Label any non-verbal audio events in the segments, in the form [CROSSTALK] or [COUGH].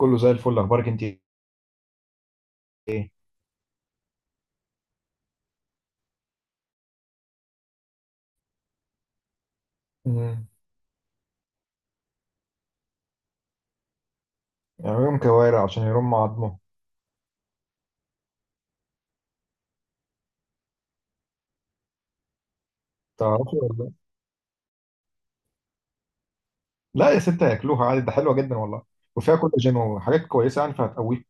كله زي الفل، اخبارك انت؟ ايه؟ مم. يعملهم كوارع عشان يرموا عظمه. تعرفي ولا لا؟ لا يا ستة، هياكلوها عادي، ده حلوه جدا والله. وفيها كولاجين وحاجات كويسه، يعني فهتقويك.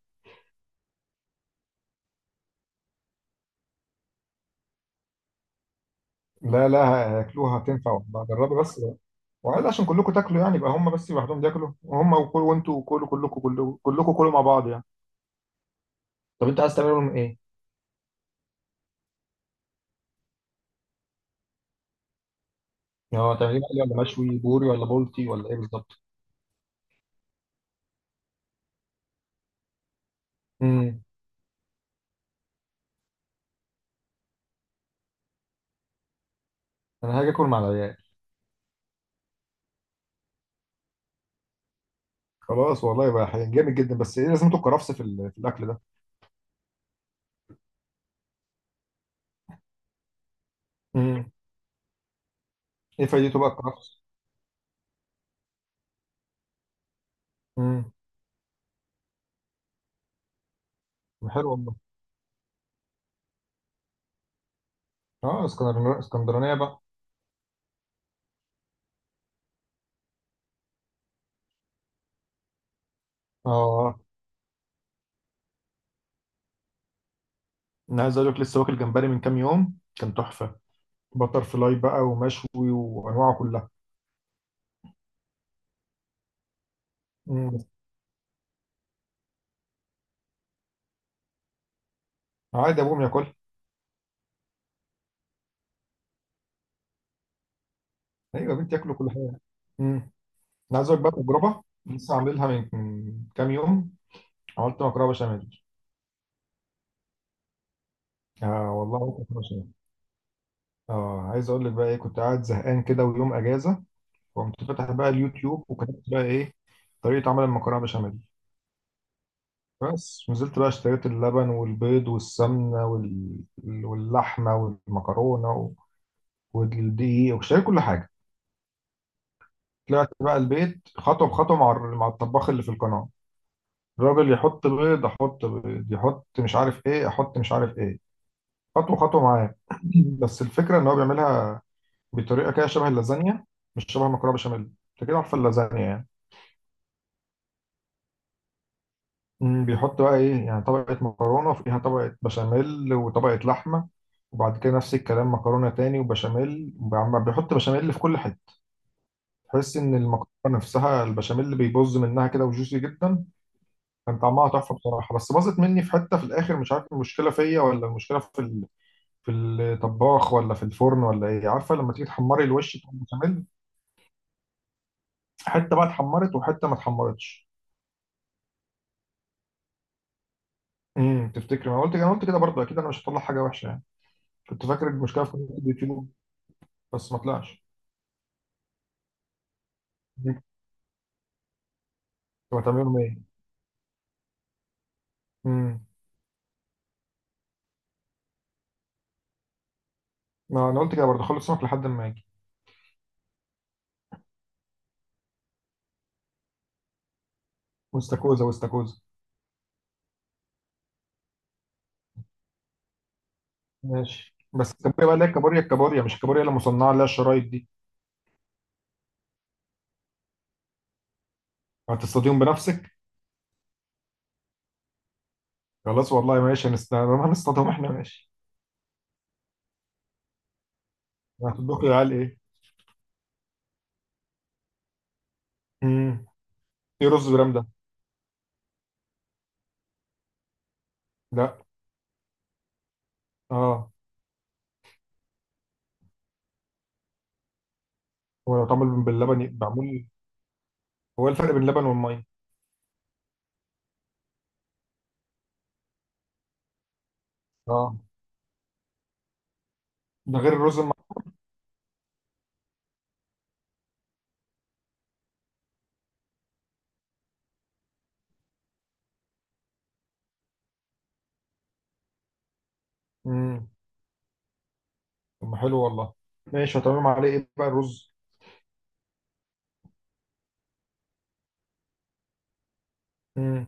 لا، لا. هياكلوها، هتنفع والله، جربي بس. وعادي عشان كلكم تاكلوا يعني، يبقى هم بس لوحدهم بياكلوا وهم وكل، وانتوا كلوا كلكم كلكم كلكم كلوا مع بعض يعني. طب انت عايز تعملهم ايه؟ اه، تعمليه مقلي ولا مشوي، بوري ولا بولتي ولا ايه بالظبط؟ امم انا هاجي اكل مع العيال. خلاص والله، يبقى جامد جدا، بس ايه لازمته الكرفس في الاكل ده؟ امم. ايه فايدته بقى الكرفس؟ امم. حلو والله. اه، اسكندرانية اسكندرانية بقى. اه، انا عايز اقول لك، لسه واكل جمبري من كام يوم، كان تحفة. بتر فلاي بقى، ومشوي، وانواعه كلها. امم. عادي، ابوهم ياكل. ايوه يا بنتي، ياكلوا كل حاجة. امم. انا عايز اقول لك بقى تجربة، لسه عاملها من كام يوم. عملت مكرونة بشاميل. اه والله، عملت مكرونة بشاميل. اه، عايز اقول لك بقى ايه، كنت قاعد زهقان كده ويوم اجازة. وقمت فاتح بقى اليوتيوب، وكتبت بقى ايه؟ طريقة عمل المكرونة بشاميل. بس نزلت بقى اشتريت اللبن والبيض والسمنة واللحمة والمكرونة والدقيق، واشتريت كل حاجة. طلعت بقى البيت خطوة بخطوة مع الطباخ اللي في القناة. الراجل يحط بيض أحط بيض، يحط مش عارف إيه أحط مش عارف إيه. خطوة خطوة معاه. [CLEARS THROAT] بس الفكرة إن هو بيعملها بطريقة كده شبه اللازانيا، مش شبه المكرونة بشاميل. أنت كده عارفة اللازانيا يعني. بيحط بقى ايه يعني، طبقة مكرونة وفيها طبقة بشاميل وطبقة لحمة. وبعد كده نفس الكلام، مكرونة تاني وبشاميل، عم بيحط بشاميل في كل حتة. تحس ان المكرونة نفسها، البشاميل اللي بيبوظ منها كده، وجوسي جدا. كان طعمها تحفة بصراحة، بس باظت مني في حتة في الاخر، مش عارف المشكلة فيا ولا المشكلة في الطباخ ولا في الفرن ولا ايه. عارفة لما تيجي تحمري الوش بتاع البشاميل، حتة بقى اتحمرت وحتة ما اتحمرتش. تفتكري؟ ما أنا قلت انا قلت كده برضه، اكيد انا مش هطلع حاجة وحشة يعني. كنت فاكر المشكلة في اليوتيوب، بس ما طلعش. مم. تبقى 80 و100. امم. ما انا قلت كده برضه، خلص سمك لحد ما اجي. واستاكوزا واستاكوزا. ماشي، بس الكابوريا بقى اللي هي الكابوريا الكابوريا، مش الكابوريا اللي مصنعه اللي هي الشرايط دي. هتصطاديهم بنفسك؟ خلاص والله، ماشي، هنصطادهم احنا، ماشي. هتطبخ يا عيال ايه؟ امم. ايه رز برام ده؟ لا. اه. هو لو اتعمل باللبن يبقى معمول. هو إيه الفرق بين اللبن والميه؟ اه. ده غير الرز. امم. طب ما حلو والله. ماشي، هتعملهم عليه ايه بقى الرز؟ امم.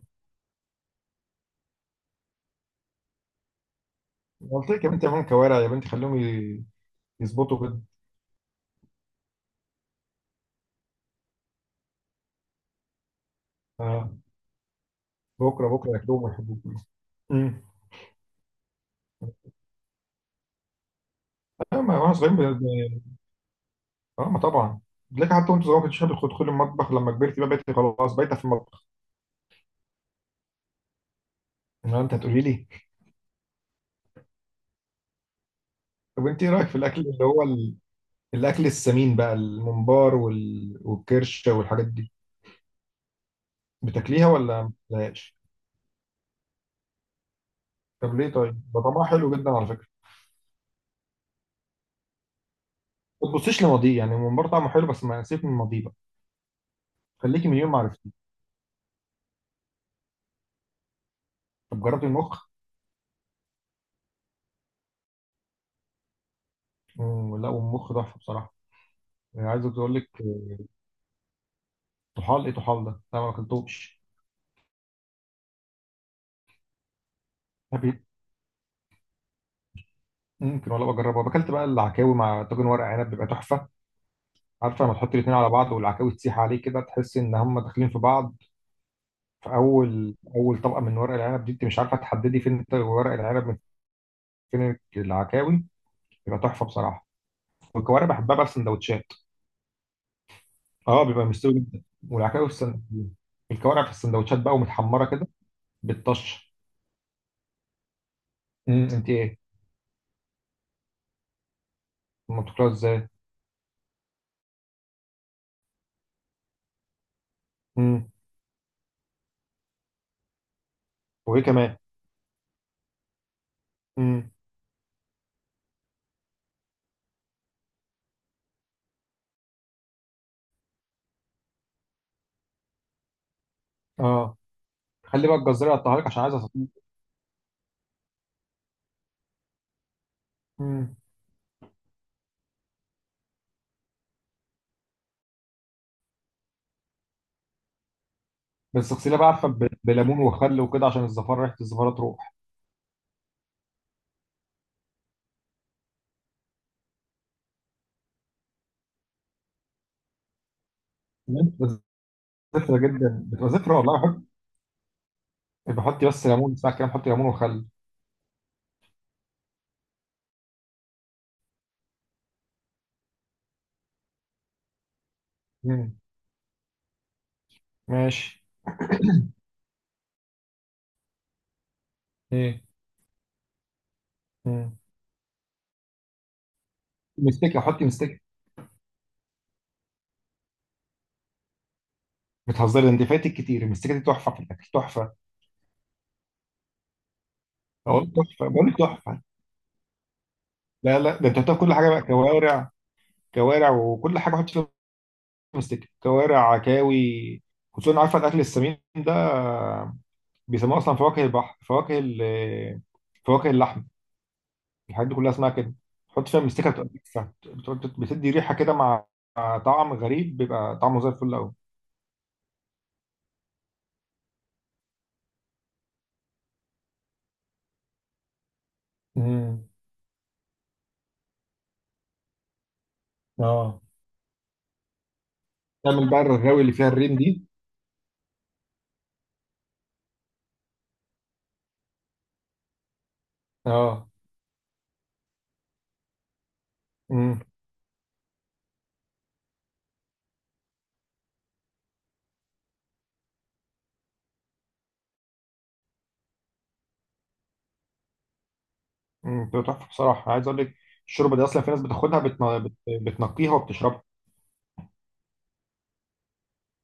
قلت لك يا بنتي اعملهم كوارع، يا بنتي خليهم يظبطوا جدا. آه. بكره بكره ياكلوهم ويحبوهم كلهم. امم. انا ما واحنا صغيرين. اه، ما طبعا. بتلاقي حتى وانت صغير ما كنتش حابب تدخل المطبخ، لما كبرت بقى بقيت خلاص بايته في المطبخ. ما انت هتقولي لي. طب انت ايه رايك في الاكل اللي هو الاكل السمين بقى، الممبار والكرشه والحاجات دي. بتاكليها ولا ما بتاكلهاش؟ طب ليه؟ طيب ده طعمها حلو جدا على فكره. ما تبصيش لماضيه، يعني الممبار طعمه حلو، بس ما سيبك من الماضيه بقى. خليكي من يوم ما عرفتيه. طب جربتي المخ؟ مم، لا، والمخ تحفه بصراحه. يعني عايز اقول لك. طحال ايه طحال ده؟ لا، ما اكلتوش. أبي- ممكن ولا بجربه؟ اكلت بقى العكاوي مع طاجن ورق عنب، بيبقى تحفه. عارفه، لما تحط الاثنين على بعض والعكاوي تسيح عليه كده، تحس ان هم داخلين في بعض. في اول اول طبقه من ورق العنب دي، انت مش عارفه تحددي فين ورق العنب من فين العكاوي. بيبقى تحفه بصراحه. والكوارع بحبها بقى في سندوتشات. اه، بيبقى مستوي جدا. والعكاوي في السندوتشات، الكوارع في السندوتشات بقى ومتحمره كده، بالطشه. انت ايه؟ ما بتاكلوها ازاي؟ امم. وايه كمان؟ امم. اه. خلي بقى الجزار يقطعها لك عشان عايز. مم. بس اغسليها بقى عارفه بليمون وخل وكده، عشان الزفاره ريحه الزفاره تروح. بتبقى زفره جدا، بتبقى زفره والله. بحط بس ليمون ساعه كده، بحط ليمون وخل. مم. ماشي. ايه؟ مم. مستكه، حطي مستكه. بتهزري انت؟ فاتك كتير، المستكه دي تحفه في الاكل، تحفه. اقول تحفه بقول لك تحفه. لا، لا، ده انت حطيها في كل حاجه بقى، كوارع. كوارع وكل حاجه حطي فيها. مستكه، كوارع، عكاوي. خصوصا عارفه الاكل السمين ده، بيسموه اصلا فواكه البحر، فواكه اللحم. الحاجات دي كلها اسمها كده. تحط فيها مستكه بتبقى تحفة. بتدي ريحه كده، مع طعم غريب، بيبقى طعمه زي الفل قوي. امم. اه. تعمل بقى الرغاوي اللي فيها الرين دي. اه. امم. امم. بتبقى تحفه بصراحه، عايز اقول لك. الشوربه دي اصلا، في ناس بتاخدها بتنقيها وبتشربها.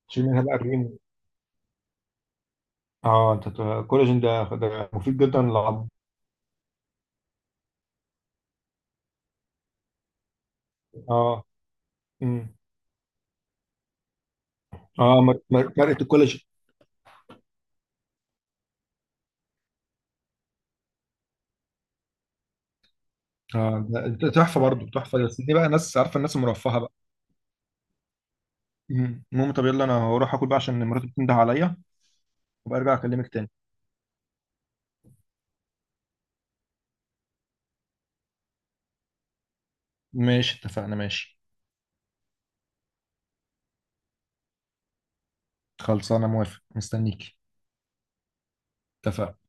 تشيل منها بقى الريم. اه، انت الكولاجين ده مفيد جدا للعظم. اه. امم. اه، مرقه الكولاجين. اه، ده تحفه برضه، تحفه، بس دي بقى ناس عارفه، الناس المرفهه بقى. المهم، طب يلا، انا هروح اكل بقى عشان مراتي بتنده عليا، وبرجع اكلمك تاني. ماشي اتفقنا ماشي. خلصانه، موافق، مستنيك. اتفقنا.